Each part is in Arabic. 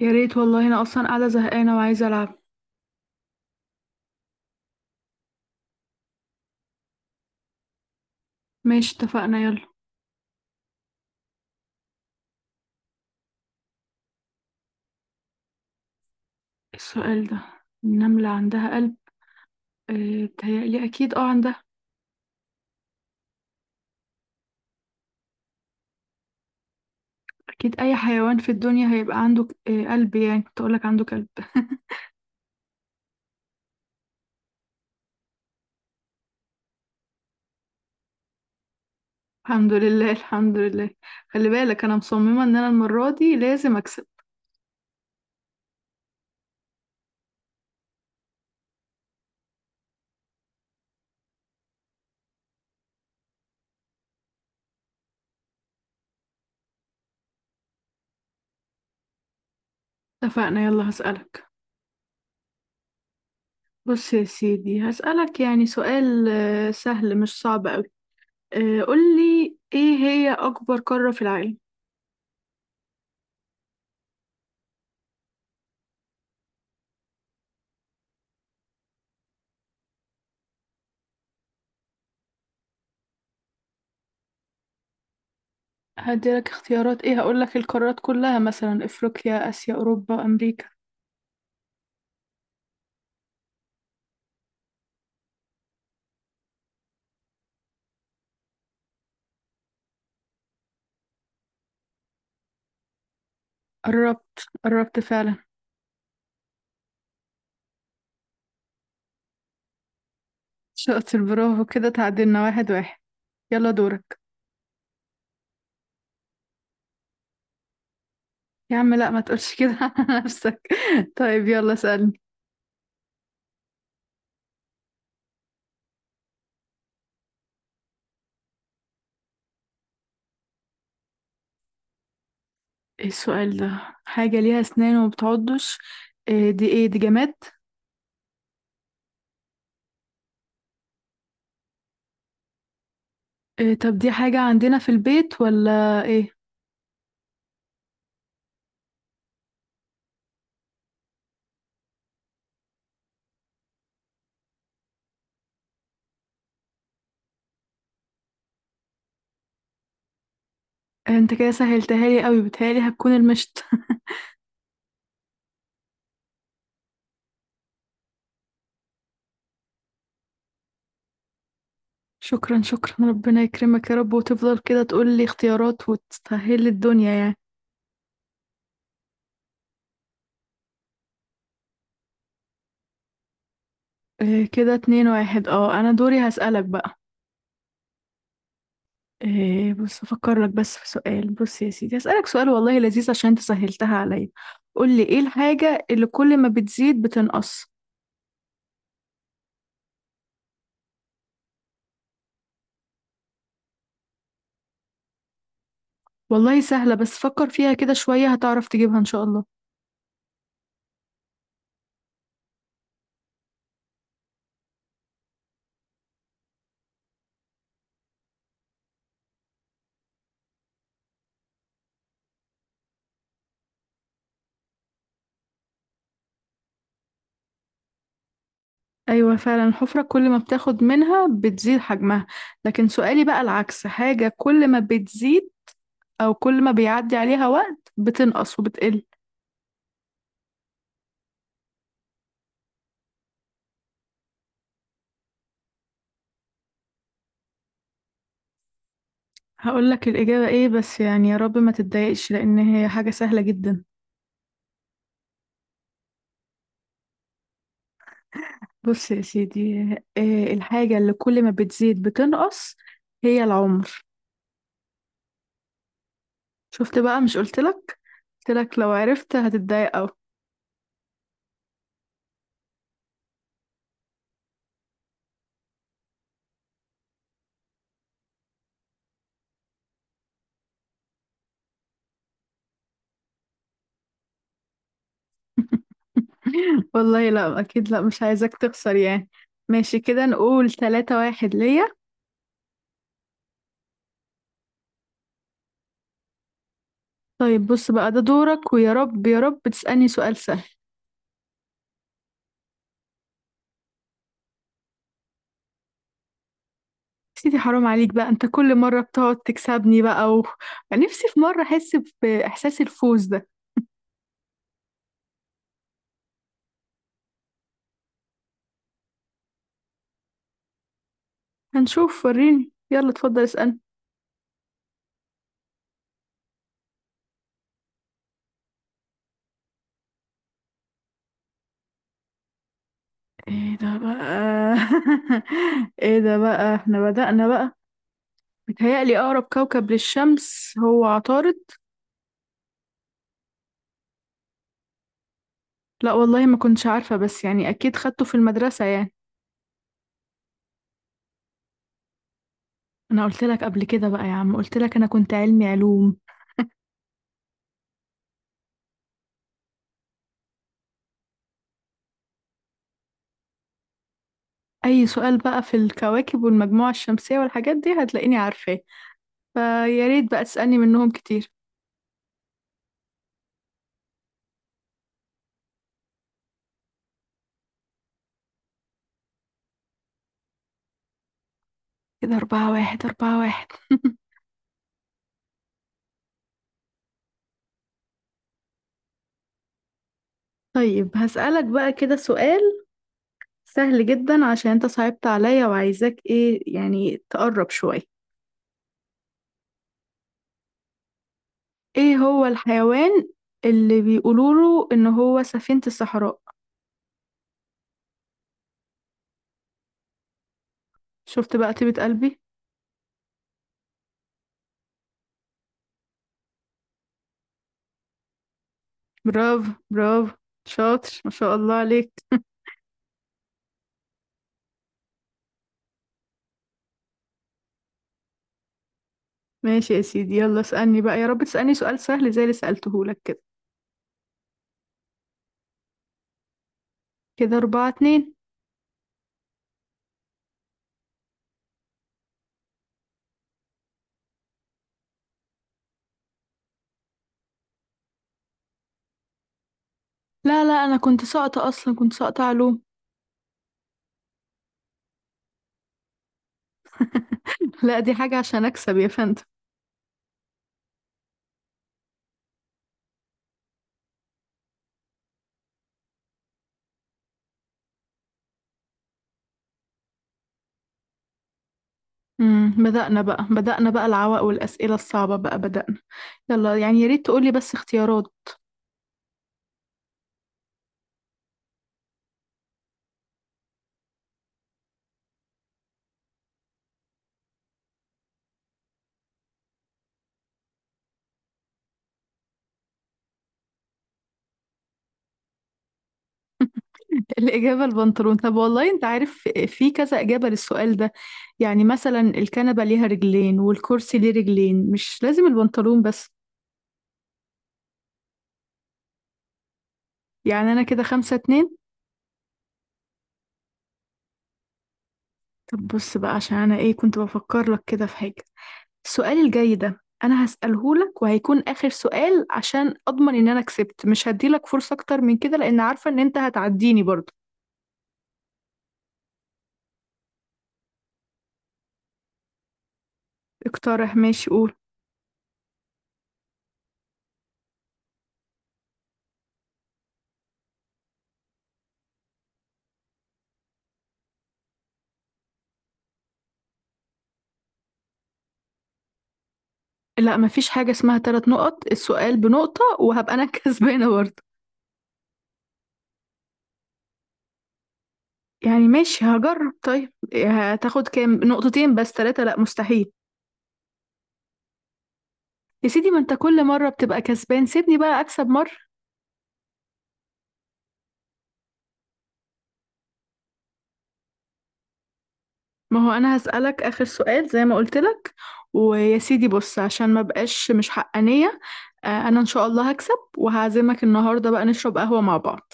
يا ريت والله، انا اصلا قاعده زهقانه وعايزه العب. ماشي، اتفقنا، يلا. السؤال ده، النمله عندها قلب؟ آه، بتهيألي اكيد، اه عندها. اكيد اي حيوان في الدنيا هيبقى عنده قلب، يعني كنت اقولك عنده كلب. الحمد لله، الحمد لله. خلي بالك، انا مصممه ان انا المره دي لازم اكسب. اتفقنا، يلا هسألك. بص يا سيدي، هسألك يعني سؤال سهل، مش صعب قوي. قولي، ايه هي اكبر قاره في العالم؟ هديلك اختيارات ايه؟ هقولك القارات كلها، مثلا افريقيا، اسيا، اوروبا، امريكا. قربت، قربت فعلا. شاطر، برافو، كده تعادلنا 1-1. يلا دورك. يا عم لا، ما تقولش كده على نفسك. طيب يلا سألني. ايه السؤال ده؟ حاجة ليها اسنان وما بتعضش؟ إيه دي، ايه دي، جماد؟ إيه، طب دي حاجة عندنا في البيت ولا ايه؟ انت كده سهلتها لي قوي، بتهيألي هتكون المشط. شكرا شكرا، ربنا يكرمك يا رب، وتفضل كده تقول لي اختيارات وتسهل لي الدنيا يعني. إيه، كده 2-1، اه، انا دوري هسألك بقى. إيه، بص افكر لك بس في سؤال. بص يا سيدي، هسألك سؤال والله لذيذ عشان انت سهلتها عليا. قول لي، ايه الحاجة اللي كل ما بتزيد بتنقص؟ والله سهلة، بس فكر فيها كده شوية هتعرف تجيبها ان شاء الله. ايوه فعلا، الحفرة كل ما بتاخد منها بتزيد حجمها. لكن سؤالي بقى العكس، حاجة كل ما بتزيد، او كل ما بيعدي عليها وقت بتنقص وبتقل. هقول لك الإجابة ايه، بس يعني يا رب ما تتضايقش، لأن هي حاجة سهلة جدا. بص يا سيدي، الحاجة اللي كل ما بتزيد بتنقص هي العمر. شفت بقى، مش قلتلك؟ قلتلك لو عرفت هتتضايق أوي. والله لا، أكيد لا، مش عايزك تخسر يعني. ماشي، كده نقول 3-1 ليا. طيب بص بقى ده دورك، ويا رب يا رب تسألني سؤال سهل. سيدي حرام عليك بقى، انت كل مرة بتقعد تكسبني بقى و... نفسي في مرة أحس بإحساس الفوز ده. هنشوف، وريني، يلا اتفضل اسألني. ايه ده بقى؟ ايه ده بقى؟ احنا بدأنا بقى. متهيألي أقرب كوكب للشمس هو عطارد. لا والله، ما كنتش عارفة، بس يعني أكيد خدته في المدرسة يعني. أنا قلت لك قبل كده بقى يا عم، قلت لك أنا كنت علمي علوم. أي سؤال بقى في الكواكب والمجموعة الشمسية والحاجات دي هتلاقيني عارفاه. فيا ريت بقى تسألني منهم كتير. كده 4-1، 4-1 طيب هسألك بقى كده سؤال سهل جدا، عشان أنت صعبت عليا وعايزاك إيه يعني تقرب شوية. ايه هو الحيوان اللي بيقولوله ان هو سفينة الصحراء؟ شفت بقى طيبة قلبي. برافو، برافو، شاطر ما شاء الله عليك. ماشي يا سيدي، يلا اسألني بقى، يا رب تسألني سؤال سهل زي اللي سألتهولك كده. كده 4-2. لا لا، أنا كنت ساقطة أصلا، كنت ساقطة علوم. لا، دي حاجة عشان أكسب يا فندم. بدأنا بقى، بدأنا بقى العوائق والأسئلة الصعبة بقى، بدأنا. يلا يعني، يا ريت تقولي بس اختيارات. الإجابة البنطلون، طب والله أنت عارف في كذا إجابة للسؤال ده. يعني مثلا الكنبة ليها رجلين والكرسي ليه رجلين، مش لازم البنطلون بس. يعني أنا كده 5-2. طب بص بقى، عشان أنا إيه، كنت بفكر لك كده في حاجة. السؤال الجاي ده أنا هسأله لك وهيكون آخر سؤال، عشان أضمن إن أنا كسبت، مش هديلك فرصة أكتر من كده، لأن عارفة إن أنت هتعديني برضه. اقترح، ماشي، قول. لا، مفيش حاجة اسمها 3 نقط، السؤال بنقطة، وهبقى أنا كسبانة برضه. يعني ماشي هجرب، طيب هتاخد كام؟ نقطتين بس، ثلاثة لا، مستحيل. يا سيدي، ما انت كل مرة بتبقى كسبان، سيبني بقى اكسب مرة. ما هو انا هسألك اخر سؤال زي ما قلت لك. ويا سيدي بص، عشان ما بقاش مش حقانية. انا ان شاء الله هكسب، وهعزمك النهاردة بقى نشرب قهوة مع بعض.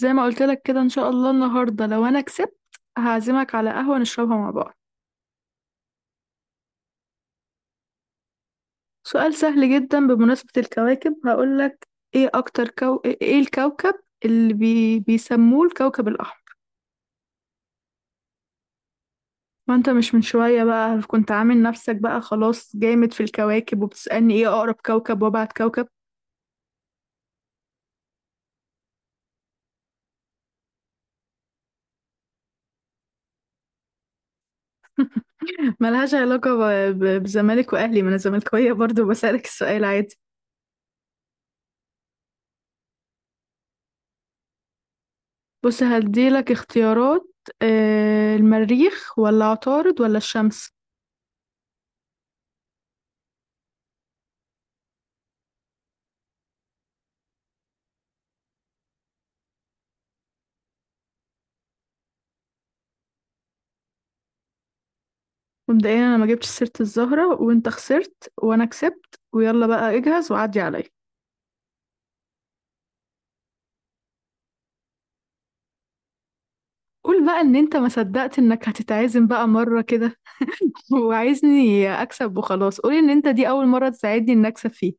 زي ما قلت لك كده، ان شاء الله النهاردة لو انا كسبت، هعزمك على قهوة نشربها مع بعض. سؤال سهل جدا، بمناسبة الكواكب هقولك، ايه ايه الكوكب اللي بيسموه الكوكب الاحمر؟ ما انت مش من شوية بقى كنت عامل نفسك بقى خلاص جامد في الكواكب، وبتسألني ايه اقرب كوكب وابعد كوكب. ملهاش علاقة بزمالك واهلي، ما انا زملكاوية برضو بسألك السؤال عادي. بص هديلك اختيارات. المريخ ولا عطارد ولا الشمس؟ مبدئيا انا ما جبتش سيرة الزهرة، وانت خسرت وانا كسبت، ويلا بقى اجهز وعدي عليا. قول بقى ان انت ما صدقت انك هتتعزم بقى مرة كده. وعايزني اكسب وخلاص، قول ان انت دي اول مرة تساعدني ان اكسب فيه.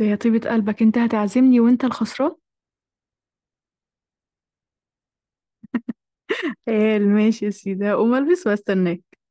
يا طيبة قلبك، انت هتعزمني وانت الخسران. قال ماشي يا سيدي، هقوم البس واستناك.